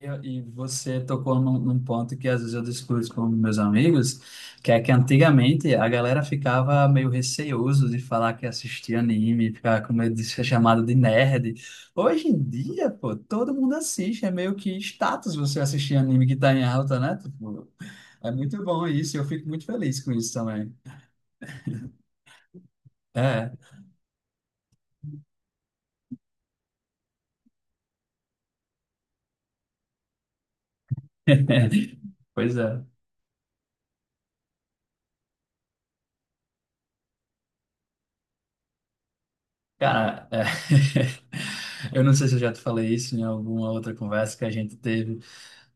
E e você tocou num ponto que às vezes eu discuto com meus amigos, que é que antigamente a galera ficava meio receoso de falar que assistia anime, ficava com medo de ser chamado de nerd. Hoje em dia, pô, todo mundo assiste, é meio que status você assistir anime que tá em alta, né? Tipo, é muito bom isso, eu fico muito feliz com isso também. É. Pois é. Cara, é. Eu não sei se eu já te falei isso em alguma outra conversa que a gente teve,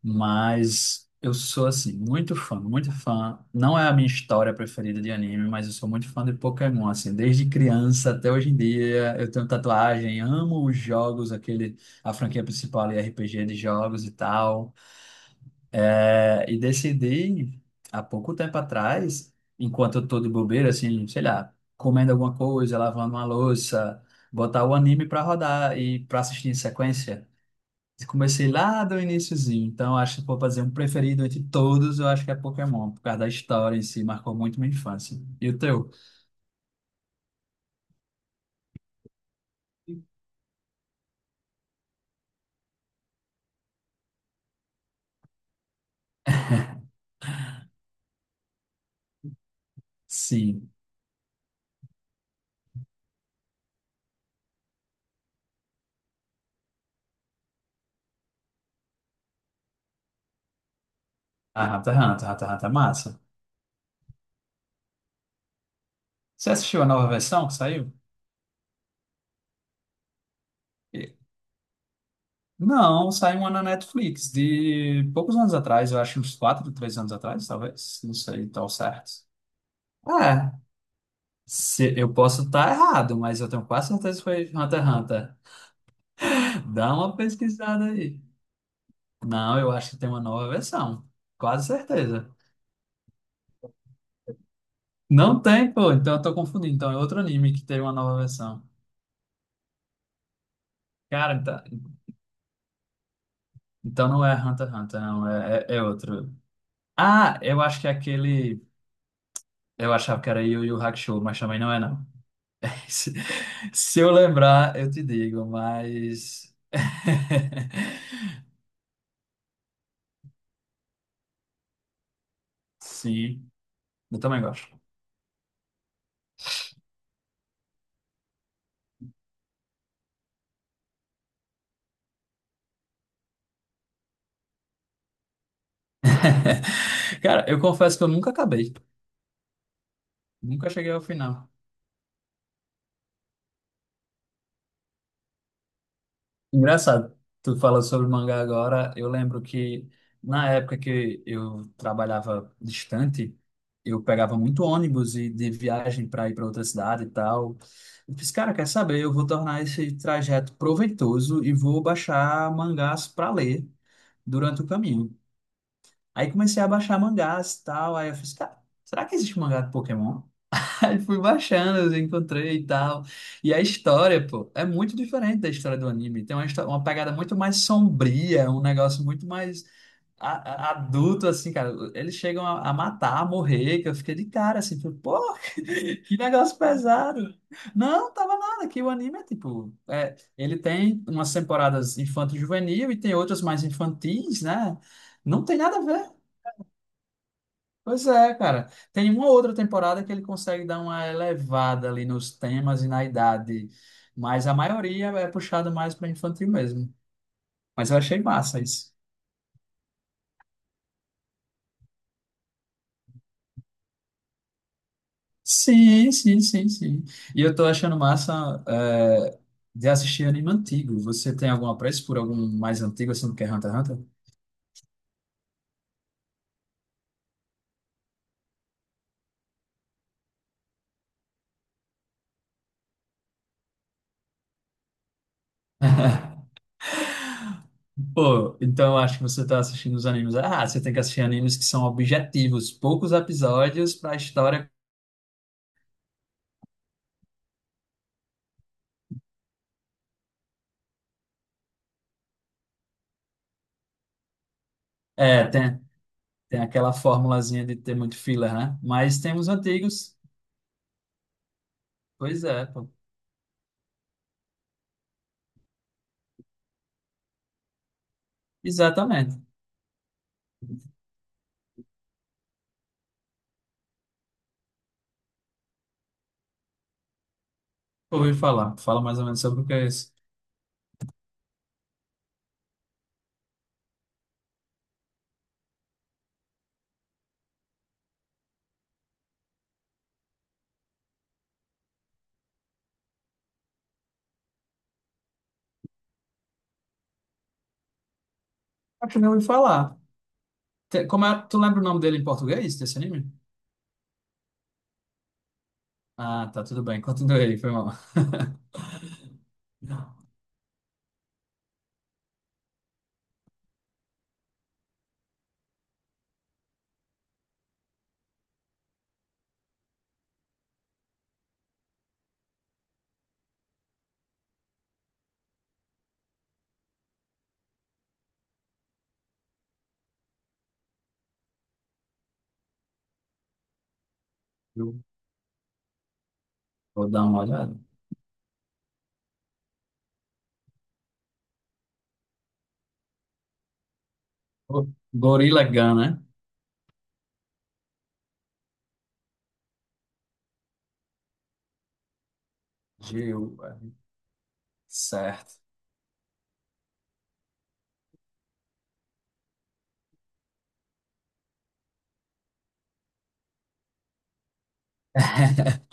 mas eu sou, assim, muito fã. Não é a minha história preferida de anime, mas eu sou muito fã de Pokémon, assim, desde criança até hoje em dia. Eu tenho tatuagem, amo os jogos, aquele, a franquia principal ali, RPG de jogos e tal. É, e decidi, há pouco tempo atrás, enquanto eu tô de bobeira, assim, sei lá, comendo alguma coisa, lavando uma louça, botar o anime pra rodar e pra assistir em sequência. Comecei lá do iniciozinho, então acho que se for fazer um preferido entre todos, eu acho que é Pokémon, por causa da história em si, marcou muito minha infância. E o teu? Sim. Ah, Hunter x Hunter é massa. Você assistiu a nova versão que saiu? E- Não, saiu uma na Netflix, de poucos anos atrás, eu acho uns 4, 3 anos atrás, talvez, não sei, tão certo. É, se, eu posso estar errado, mas eu tenho quase certeza que foi Hunter x Hunter. Dá uma pesquisada aí. Não, eu acho que tem uma nova versão, quase certeza. Não tem, pô, então eu tô confundindo. Então é outro anime que teve uma nova versão. Cara, então, então não é Hunter x Hunter, não, é outro. Ah, eu acho que é aquele. Eu achava que era Yu Yu Hakusho, mas também não é, não. Se se eu lembrar, eu te digo, mas. Sim, eu também gosto. Cara, eu confesso que eu nunca acabei. Nunca cheguei ao final. Engraçado, tu fala sobre mangá agora. Eu lembro que na época que eu trabalhava distante, eu pegava muito ônibus e de viagem para ir para outra cidade e tal. Eu fiz, cara, quer saber? Eu vou tornar esse trajeto proveitoso e vou baixar mangás para ler durante o caminho. Aí comecei a baixar mangás e tal. Aí eu fiz, cara, será que existe mangá de Pokémon? Aí fui baixando, eu encontrei e tal. E a história, pô, é muito diferente da história do anime. Tem uma, uma pegada muito mais sombria, um negócio muito mais adulto, assim, cara. Eles chegam a matar, a morrer, que eu fiquei de cara, assim, falei, pô, que negócio pesado. Não, tava nada, que o anime é tipo. É, ele tem umas temporadas infanto-juvenil e tem outras mais infantis, né? Não tem nada a ver. Pois é, cara. Tem uma outra temporada que ele consegue dar uma elevada ali nos temas e na idade, mas a maioria é puxada mais para infantil mesmo. Mas eu achei massa isso. Sim, sim, sim, sim. E eu tô achando massa é, de assistir anime antigo. Você tem algum apreço por algum mais antigo, assim, do que Hunter x Hunter? Pô, então eu acho que você tá assistindo os animes. Ah, você tem que assistir animes que são objetivos, poucos episódios para a história. É, tem. Tem aquela formulazinha de ter muito filler, né? Mas tem os antigos. Pois é, pô. Exatamente. Ouvi falar. Fala mais ou menos sobre o que é isso. Acho que não ouvi falar. Como é... Tu lembra o nome dele em português, desse anime? Ah, tá, tudo bem. Continua aí, foi mal. Eu vou dar uma olhada. Go- Gorilla Gun, né? G-U-R. Certo.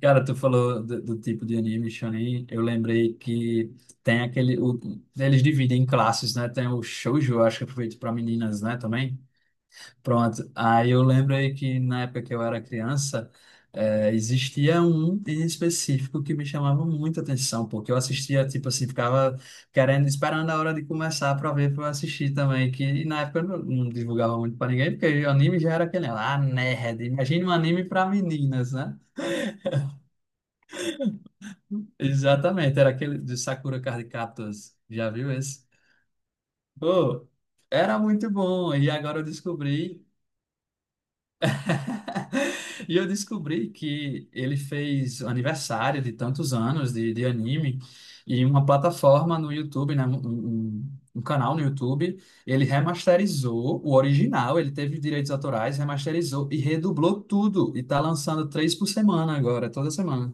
Cara, tu falou do tipo de anime shonen, eu lembrei que tem aquele, eles dividem em classes, né? Tem o shoujo, eu acho que é feito para meninas, né, também. Pronto. Aí eu lembrei que na época que eu era criança, existia um em específico que me chamava muita atenção, porque eu assistia, tipo assim, ficava querendo, esperando a hora de começar para ver, para eu assistir também, que na época eu não divulgava muito para ninguém, porque o anime já era aquele lá, nerd, imagina um anime para meninas, né? Exatamente, era aquele de Sakura Card Captors. Já viu esse? Pô, era muito bom. E agora eu descobri. E eu descobri que ele fez o aniversário de tantos anos de anime e uma plataforma no YouTube, né? Um canal no YouTube, ele remasterizou o original, ele teve direitos autorais, remasterizou e redublou tudo. E tá lançando três por semana agora, toda semana.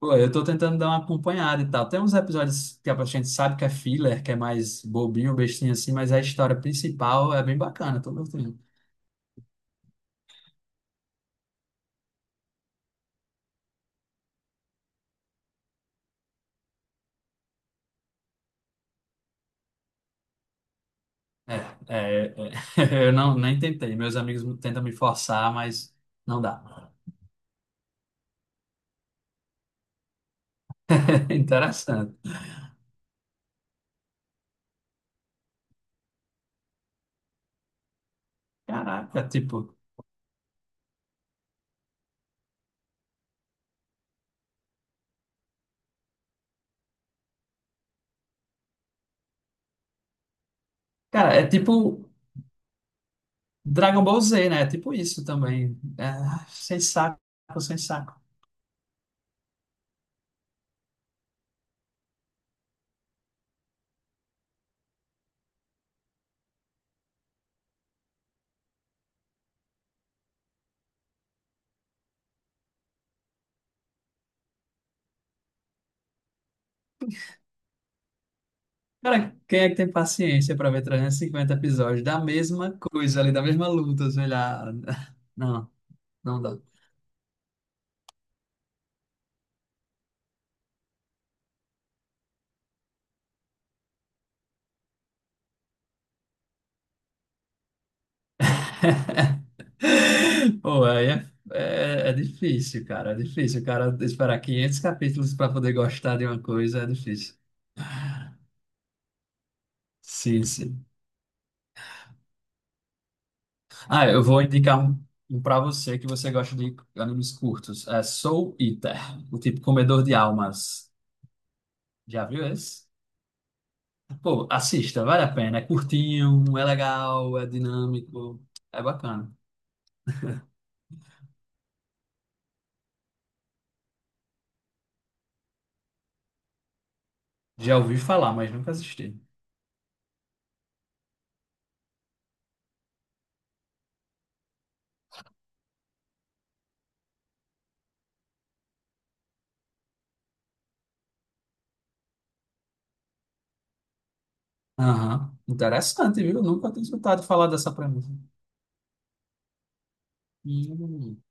Pô, eu tô tentando dar uma acompanhada e tal. Tem uns episódios que a gente sabe que é filler, que é mais bobinho, bestinho assim, mas a história principal é bem bacana, tô gostando. É, é, é. Eu não, nem tentei. Meus amigos tentam me forçar, mas não dá. Interessante. Caraca, tipo. Cara, é tipo Dragon Ball Z, né? É tipo isso também. É, sem saco, sem saco. Cara, quem é que tem paciência para ver 350 episódios da mesma coisa ali, da mesma luta, sei lá. Não, não dá. Pô, aí é, é difícil, cara. É difícil, cara, esperar 500 capítulos para poder gostar de uma coisa é difícil. Sim, sim. Ah, eu vou indicar um para você que você gosta de animes curtos. É Soul Eater, o tipo comedor de almas. Já viu esse? Pô, assista, vale a pena. É curtinho, é legal, é dinâmico, é bacana. Já ouvi falar, mas nunca assisti. Aham, interessante, viu? Nunca tinha escutado falar dessa premissa. Hum.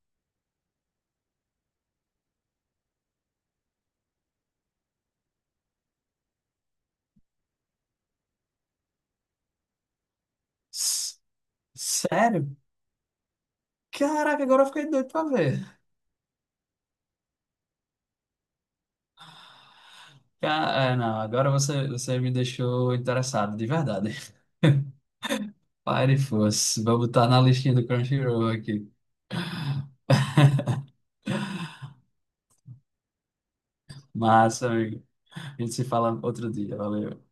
S- Sério? Caraca, agora eu fiquei doido pra ver. É, não, agora você, você me deixou interessado, de verdade. Pare fosse. Vou botar na listinha do Crunchyroll aqui. Massa, amigo. A gente se fala outro dia. Valeu.